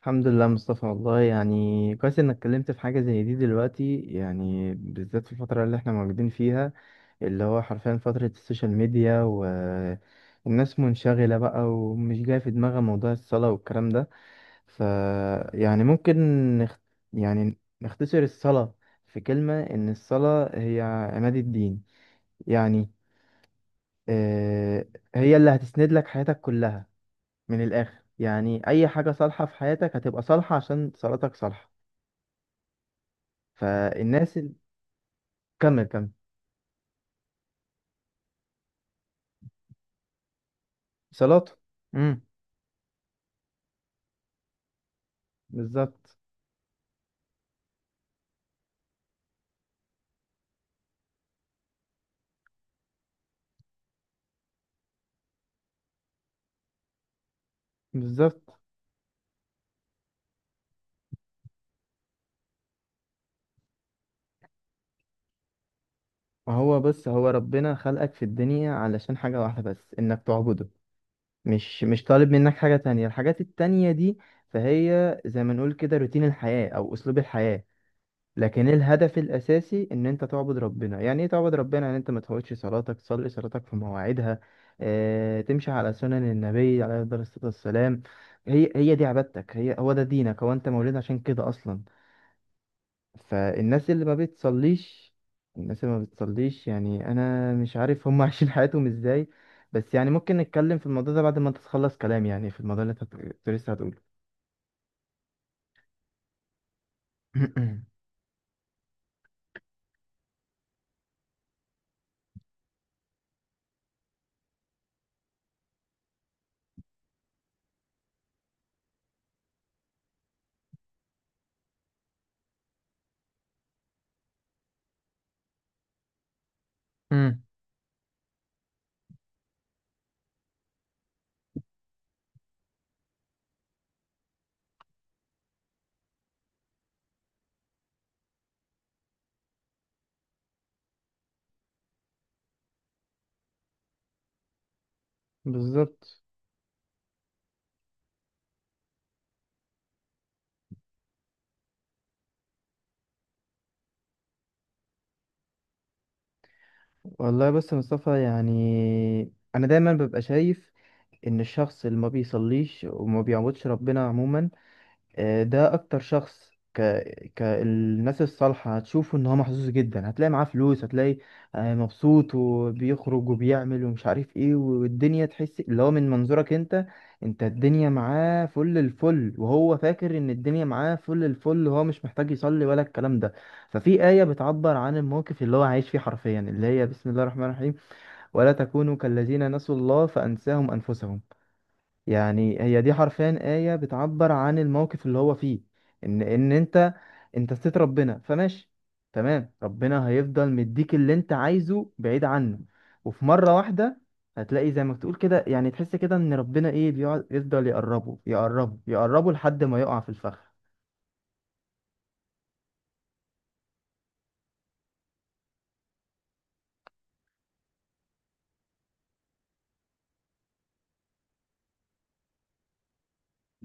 الحمد لله مصطفى، والله يعني كويس انك اتكلمت في حاجة زي دي دلوقتي، يعني بالذات في الفترة اللي احنا موجودين فيها، اللي هو حرفيا فترة السوشيال ميديا. والناس منشغلة بقى ومش جاية في دماغها موضوع الصلاة والكلام ده. ف، يعني ممكن نخ... يعني نختصر الصلاة في كلمة ان الصلاة هي عماد الدين. يعني آه، هي اللي هتسند لك حياتك كلها. من الآخر يعني أي حاجة صالحة في حياتك هتبقى صالحة عشان صلاتك صالحة. فالناس ال... كمل كمل. صلاته. امم. بالظبط بالظبط. وهو بص، هو ربنا خلقك في الدنيا علشان حاجة واحدة بس، انك تعبده. مش طالب منك حاجة تانية، الحاجات التانية دي فهي زي ما نقول كده روتين الحياة او اسلوب الحياة. لكن الهدف الاساسي ان انت تعبد ربنا. يعني ايه تعبد ربنا؟ يعني انت ما تفوتش صلاتك، تصلي صلاتك في مواعيدها، اه تمشي على سنن النبي عليه الصلاة والسلام. هي دي عبادتك، هي هو ده دينك، هو انت مولود عشان كده اصلا. فالناس اللي ما بتصليش، الناس اللي ما بتصليش، يعني انا مش عارف هم عايشين حياتهم ازاي. بس يعني ممكن نتكلم في الموضوع ده بعد ما انت تخلص كلام، يعني في الموضوع اللي كنت لسه هتقوله. امم. بالظبط. والله بص يا مصطفى، يعني انا دايما ببقى شايف ان الشخص اللي ما بيصليش وما بيعبدش ربنا عموما، ده اكتر شخص كالناس الصالحة هتشوفه ان هو محظوظ جدا. هتلاقي معاه فلوس، هتلاقي مبسوط وبيخرج وبيعمل ومش عارف ايه، والدنيا تحس اللي هو من منظورك انت، انت الدنيا معاه فل الفل، وهو فاكر ان الدنيا معاه فل الفل وهو مش محتاج يصلي ولا الكلام ده. ففي آية بتعبر عن الموقف اللي هو عايش فيه حرفيا، اللي هي بسم الله الرحمن الرحيم، ولا تكونوا كالذين نسوا الله فأنساهم أنفسهم. يعني هي دي حرفيا آية بتعبر عن الموقف اللي هو فيه، ان انت ستيت ربنا فماشي، تمام، ربنا هيفضل مديك اللي انت عايزه بعيد عنه. وفي مرة واحدة هتلاقي زي ما تقول كده، يعني تحس كده ان ربنا ايه بيقعد يفضل يقربه يقربه يقربه لحد ما يقع في الفخ.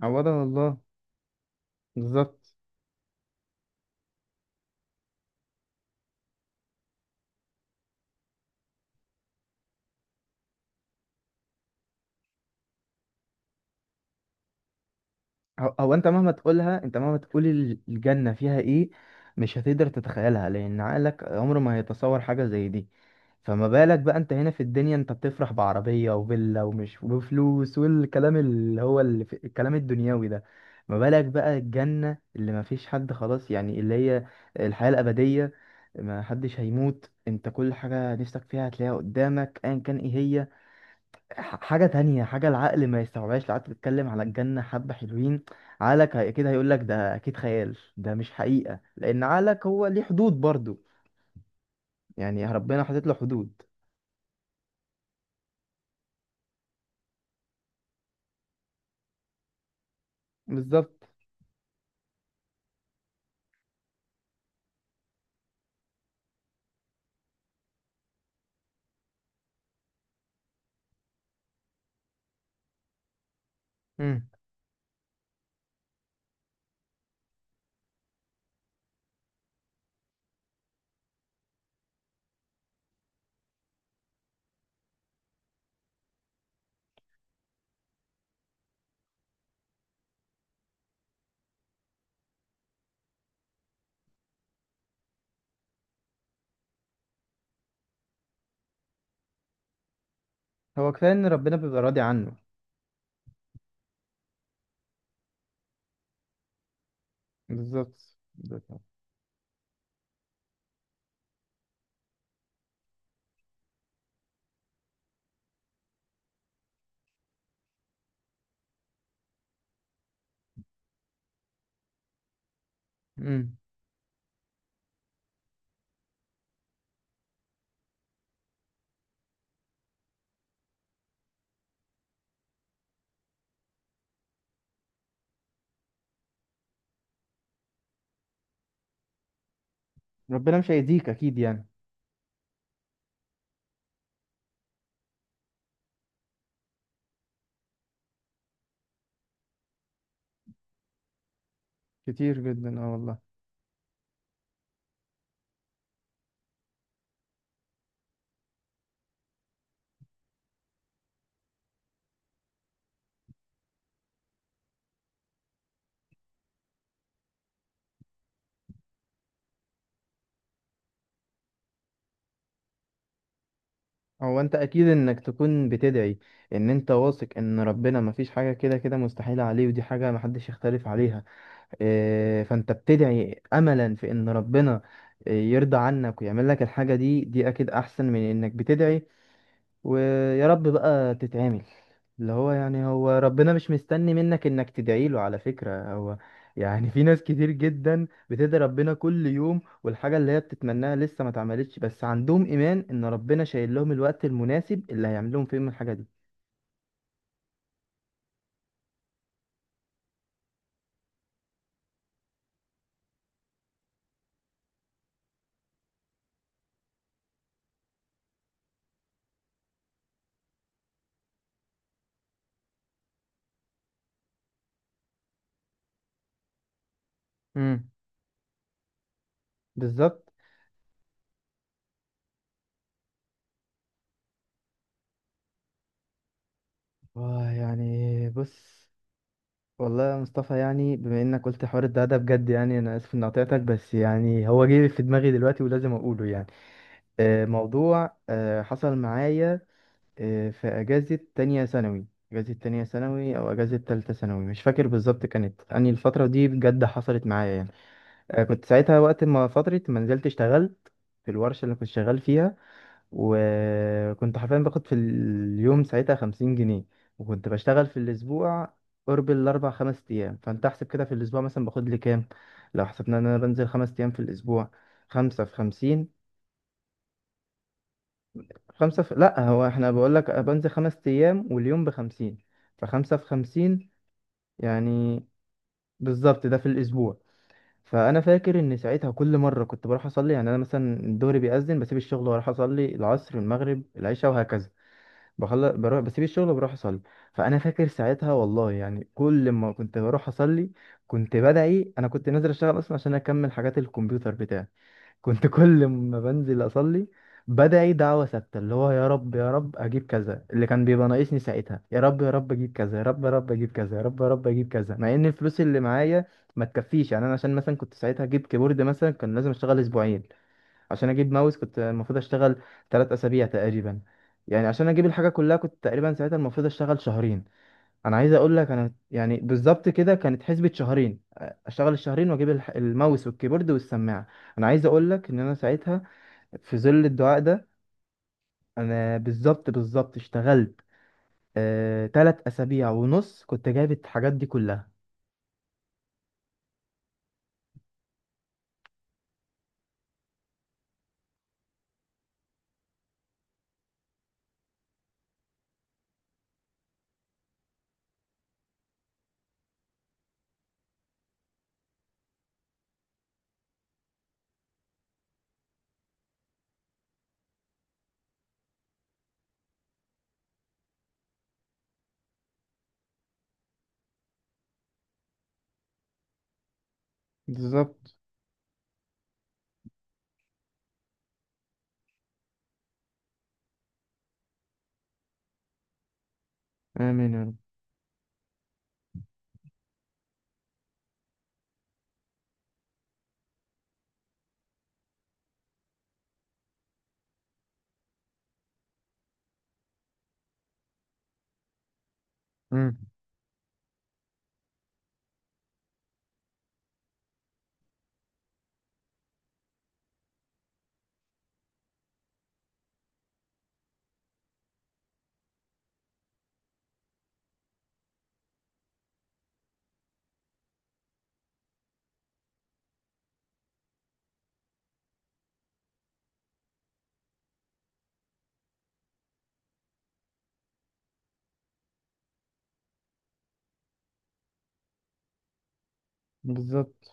عوضها الله. بالظبط. هو انت مهما تقولها، انت مهما تقول الجنة فيها ايه، مش هتقدر تتخيلها لان عقلك عمره ما هيتصور حاجة زي دي. فما بالك بقى انت هنا في الدنيا انت بتفرح بعربية وفيلا ومش وفلوس والكلام اللي هو اللي في الكلام الدنيوي ده؟ ما بالك بقى الجنة اللي ما فيش حد، خلاص، يعني اللي هي الحياة الأبدية، ما حدش هيموت، انت كل حاجة نفسك فيها هتلاقيها قدامك ايا كان ايه هي. حاجة تانية، حاجة العقل ما يستوعبهاش. لو قعدت تتكلم على الجنة حبة حلوين، عقلك كده هيقولك ده أكيد خيال، ده مش حقيقة لأن عقلك هو ليه حدود برضو. يعني ربنا حاطط له حدود. بالظبط. امم. هو كفاية إن ربنا بيبقى راضي عنه. بالظبط بالظبط. امم. ربنا مش هيأذيك أكيد يعني. كتير جدا اه والله. هو أنت أكيد إنك تكون بتدعي إن أنت واثق إن ربنا مفيش حاجة كده كده مستحيلة عليه، ودي حاجة محدش يختلف عليها. فانت بتدعي املا في ان ربنا يرضى عنك ويعمل لك الحاجة دي، دي اكيد احسن من انك بتدعي ويا رب بقى تتعمل. اللي هو يعني هو ربنا مش مستني منك انك تدعي له على فكرة هو. يعني في ناس كتير جدا بتدعي ربنا كل يوم والحاجة اللي هي بتتمناها لسه ما اتعملتش، بس عندهم ايمان ان ربنا شايل لهم الوقت المناسب اللي هيعمل لهم فيهم الحاجة دي. امم. بالظبط. يعني بص، والله يا مصطفى، يعني بما انك قلت حوار الدعاء ده بجد، يعني انا اسف اني قطعتك بس يعني هو جه في دماغي دلوقتي ولازم اقوله يعني موضوع حصل معايا في اجازة تانية ثانوي. اجازة تانية ثانوي او اجازة تالتة ثانوي مش فاكر بالظبط، كانت اني الفترة دي بجد حصلت معايا يعني كنت ساعتها، وقت ما فترة ما نزلت اشتغلت في الورشة اللي كنت شغال فيها، وكنت حرفيا باخد في اليوم ساعتها 50 جنيه. وكنت بشتغل في الأسبوع قرب الأربع 5 أيام. فأنت أحسب كده في الأسبوع مثلا باخد لي كام؟ لو حسبنا إن أنا بنزل 5 أيام في الأسبوع، 5 في 50. خمسة في، لأ، هو إحنا بقول لك بنزل 5 أيام واليوم بـ50، فخمسة في خمسين يعني. بالظبط، ده في الأسبوع. فأنا فاكر إن ساعتها كل مرة كنت بروح أصلي، يعني أنا مثلا الظهر بيأذن بسيب الشغل وأروح أصلي، العصر، المغرب، العشاء، وهكذا. بخلص بروح، بسيب الشغل وبروح اصلي. فانا فاكر ساعتها والله، يعني كل ما كنت بروح اصلي كنت بدعي. انا كنت نازل اشتغل اصلا عشان اكمل حاجات الكمبيوتر بتاعي. كنت كل ما بنزل اصلي بدعي دعوة ثابتة اللي هو يا رب يا رب اجيب كذا، اللي كان بيبقى ناقصني ساعتها، يا رب يا رب اجيب كذا، يا رب يا رب اجيب كذا، يا رب يا رب اجيب كذا، مع ان الفلوس اللي معايا ما تكفيش. يعني انا عشان مثلا كنت ساعتها اجيب كيبورد مثلا كان لازم اشتغل اسبوعين، عشان اجيب ماوس كنت المفروض اشتغل 3 اسابيع تقريبا. يعني عشان اجيب الحاجه كلها كنت تقريبا ساعتها المفروض اشتغل شهرين. انا عايز اقول لك انا يعني بالظبط كده كانت حسبة شهرين. اشتغل الشهرين واجيب الماوس والكيبورد والسماعه. انا عايز اقول لك ان انا ساعتها، في ظل الدعاء ده، انا بالظبط بالظبط اشتغلت 3 اسابيع ونص كنت جايب الحاجات دي كلها. بالظبط. آمين يا رب. مم. بالظبط.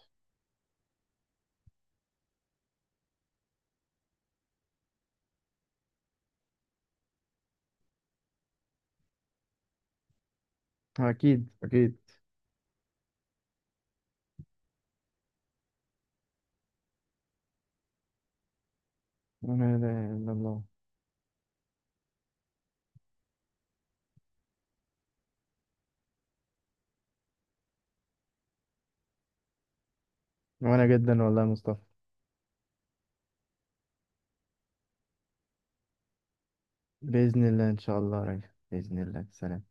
أكيد أكيد. لا إله إلا الله. وانا جدا والله يا مصطفى. بإذن الله إن شاء الله يا ريس. بإذن الله، سلام.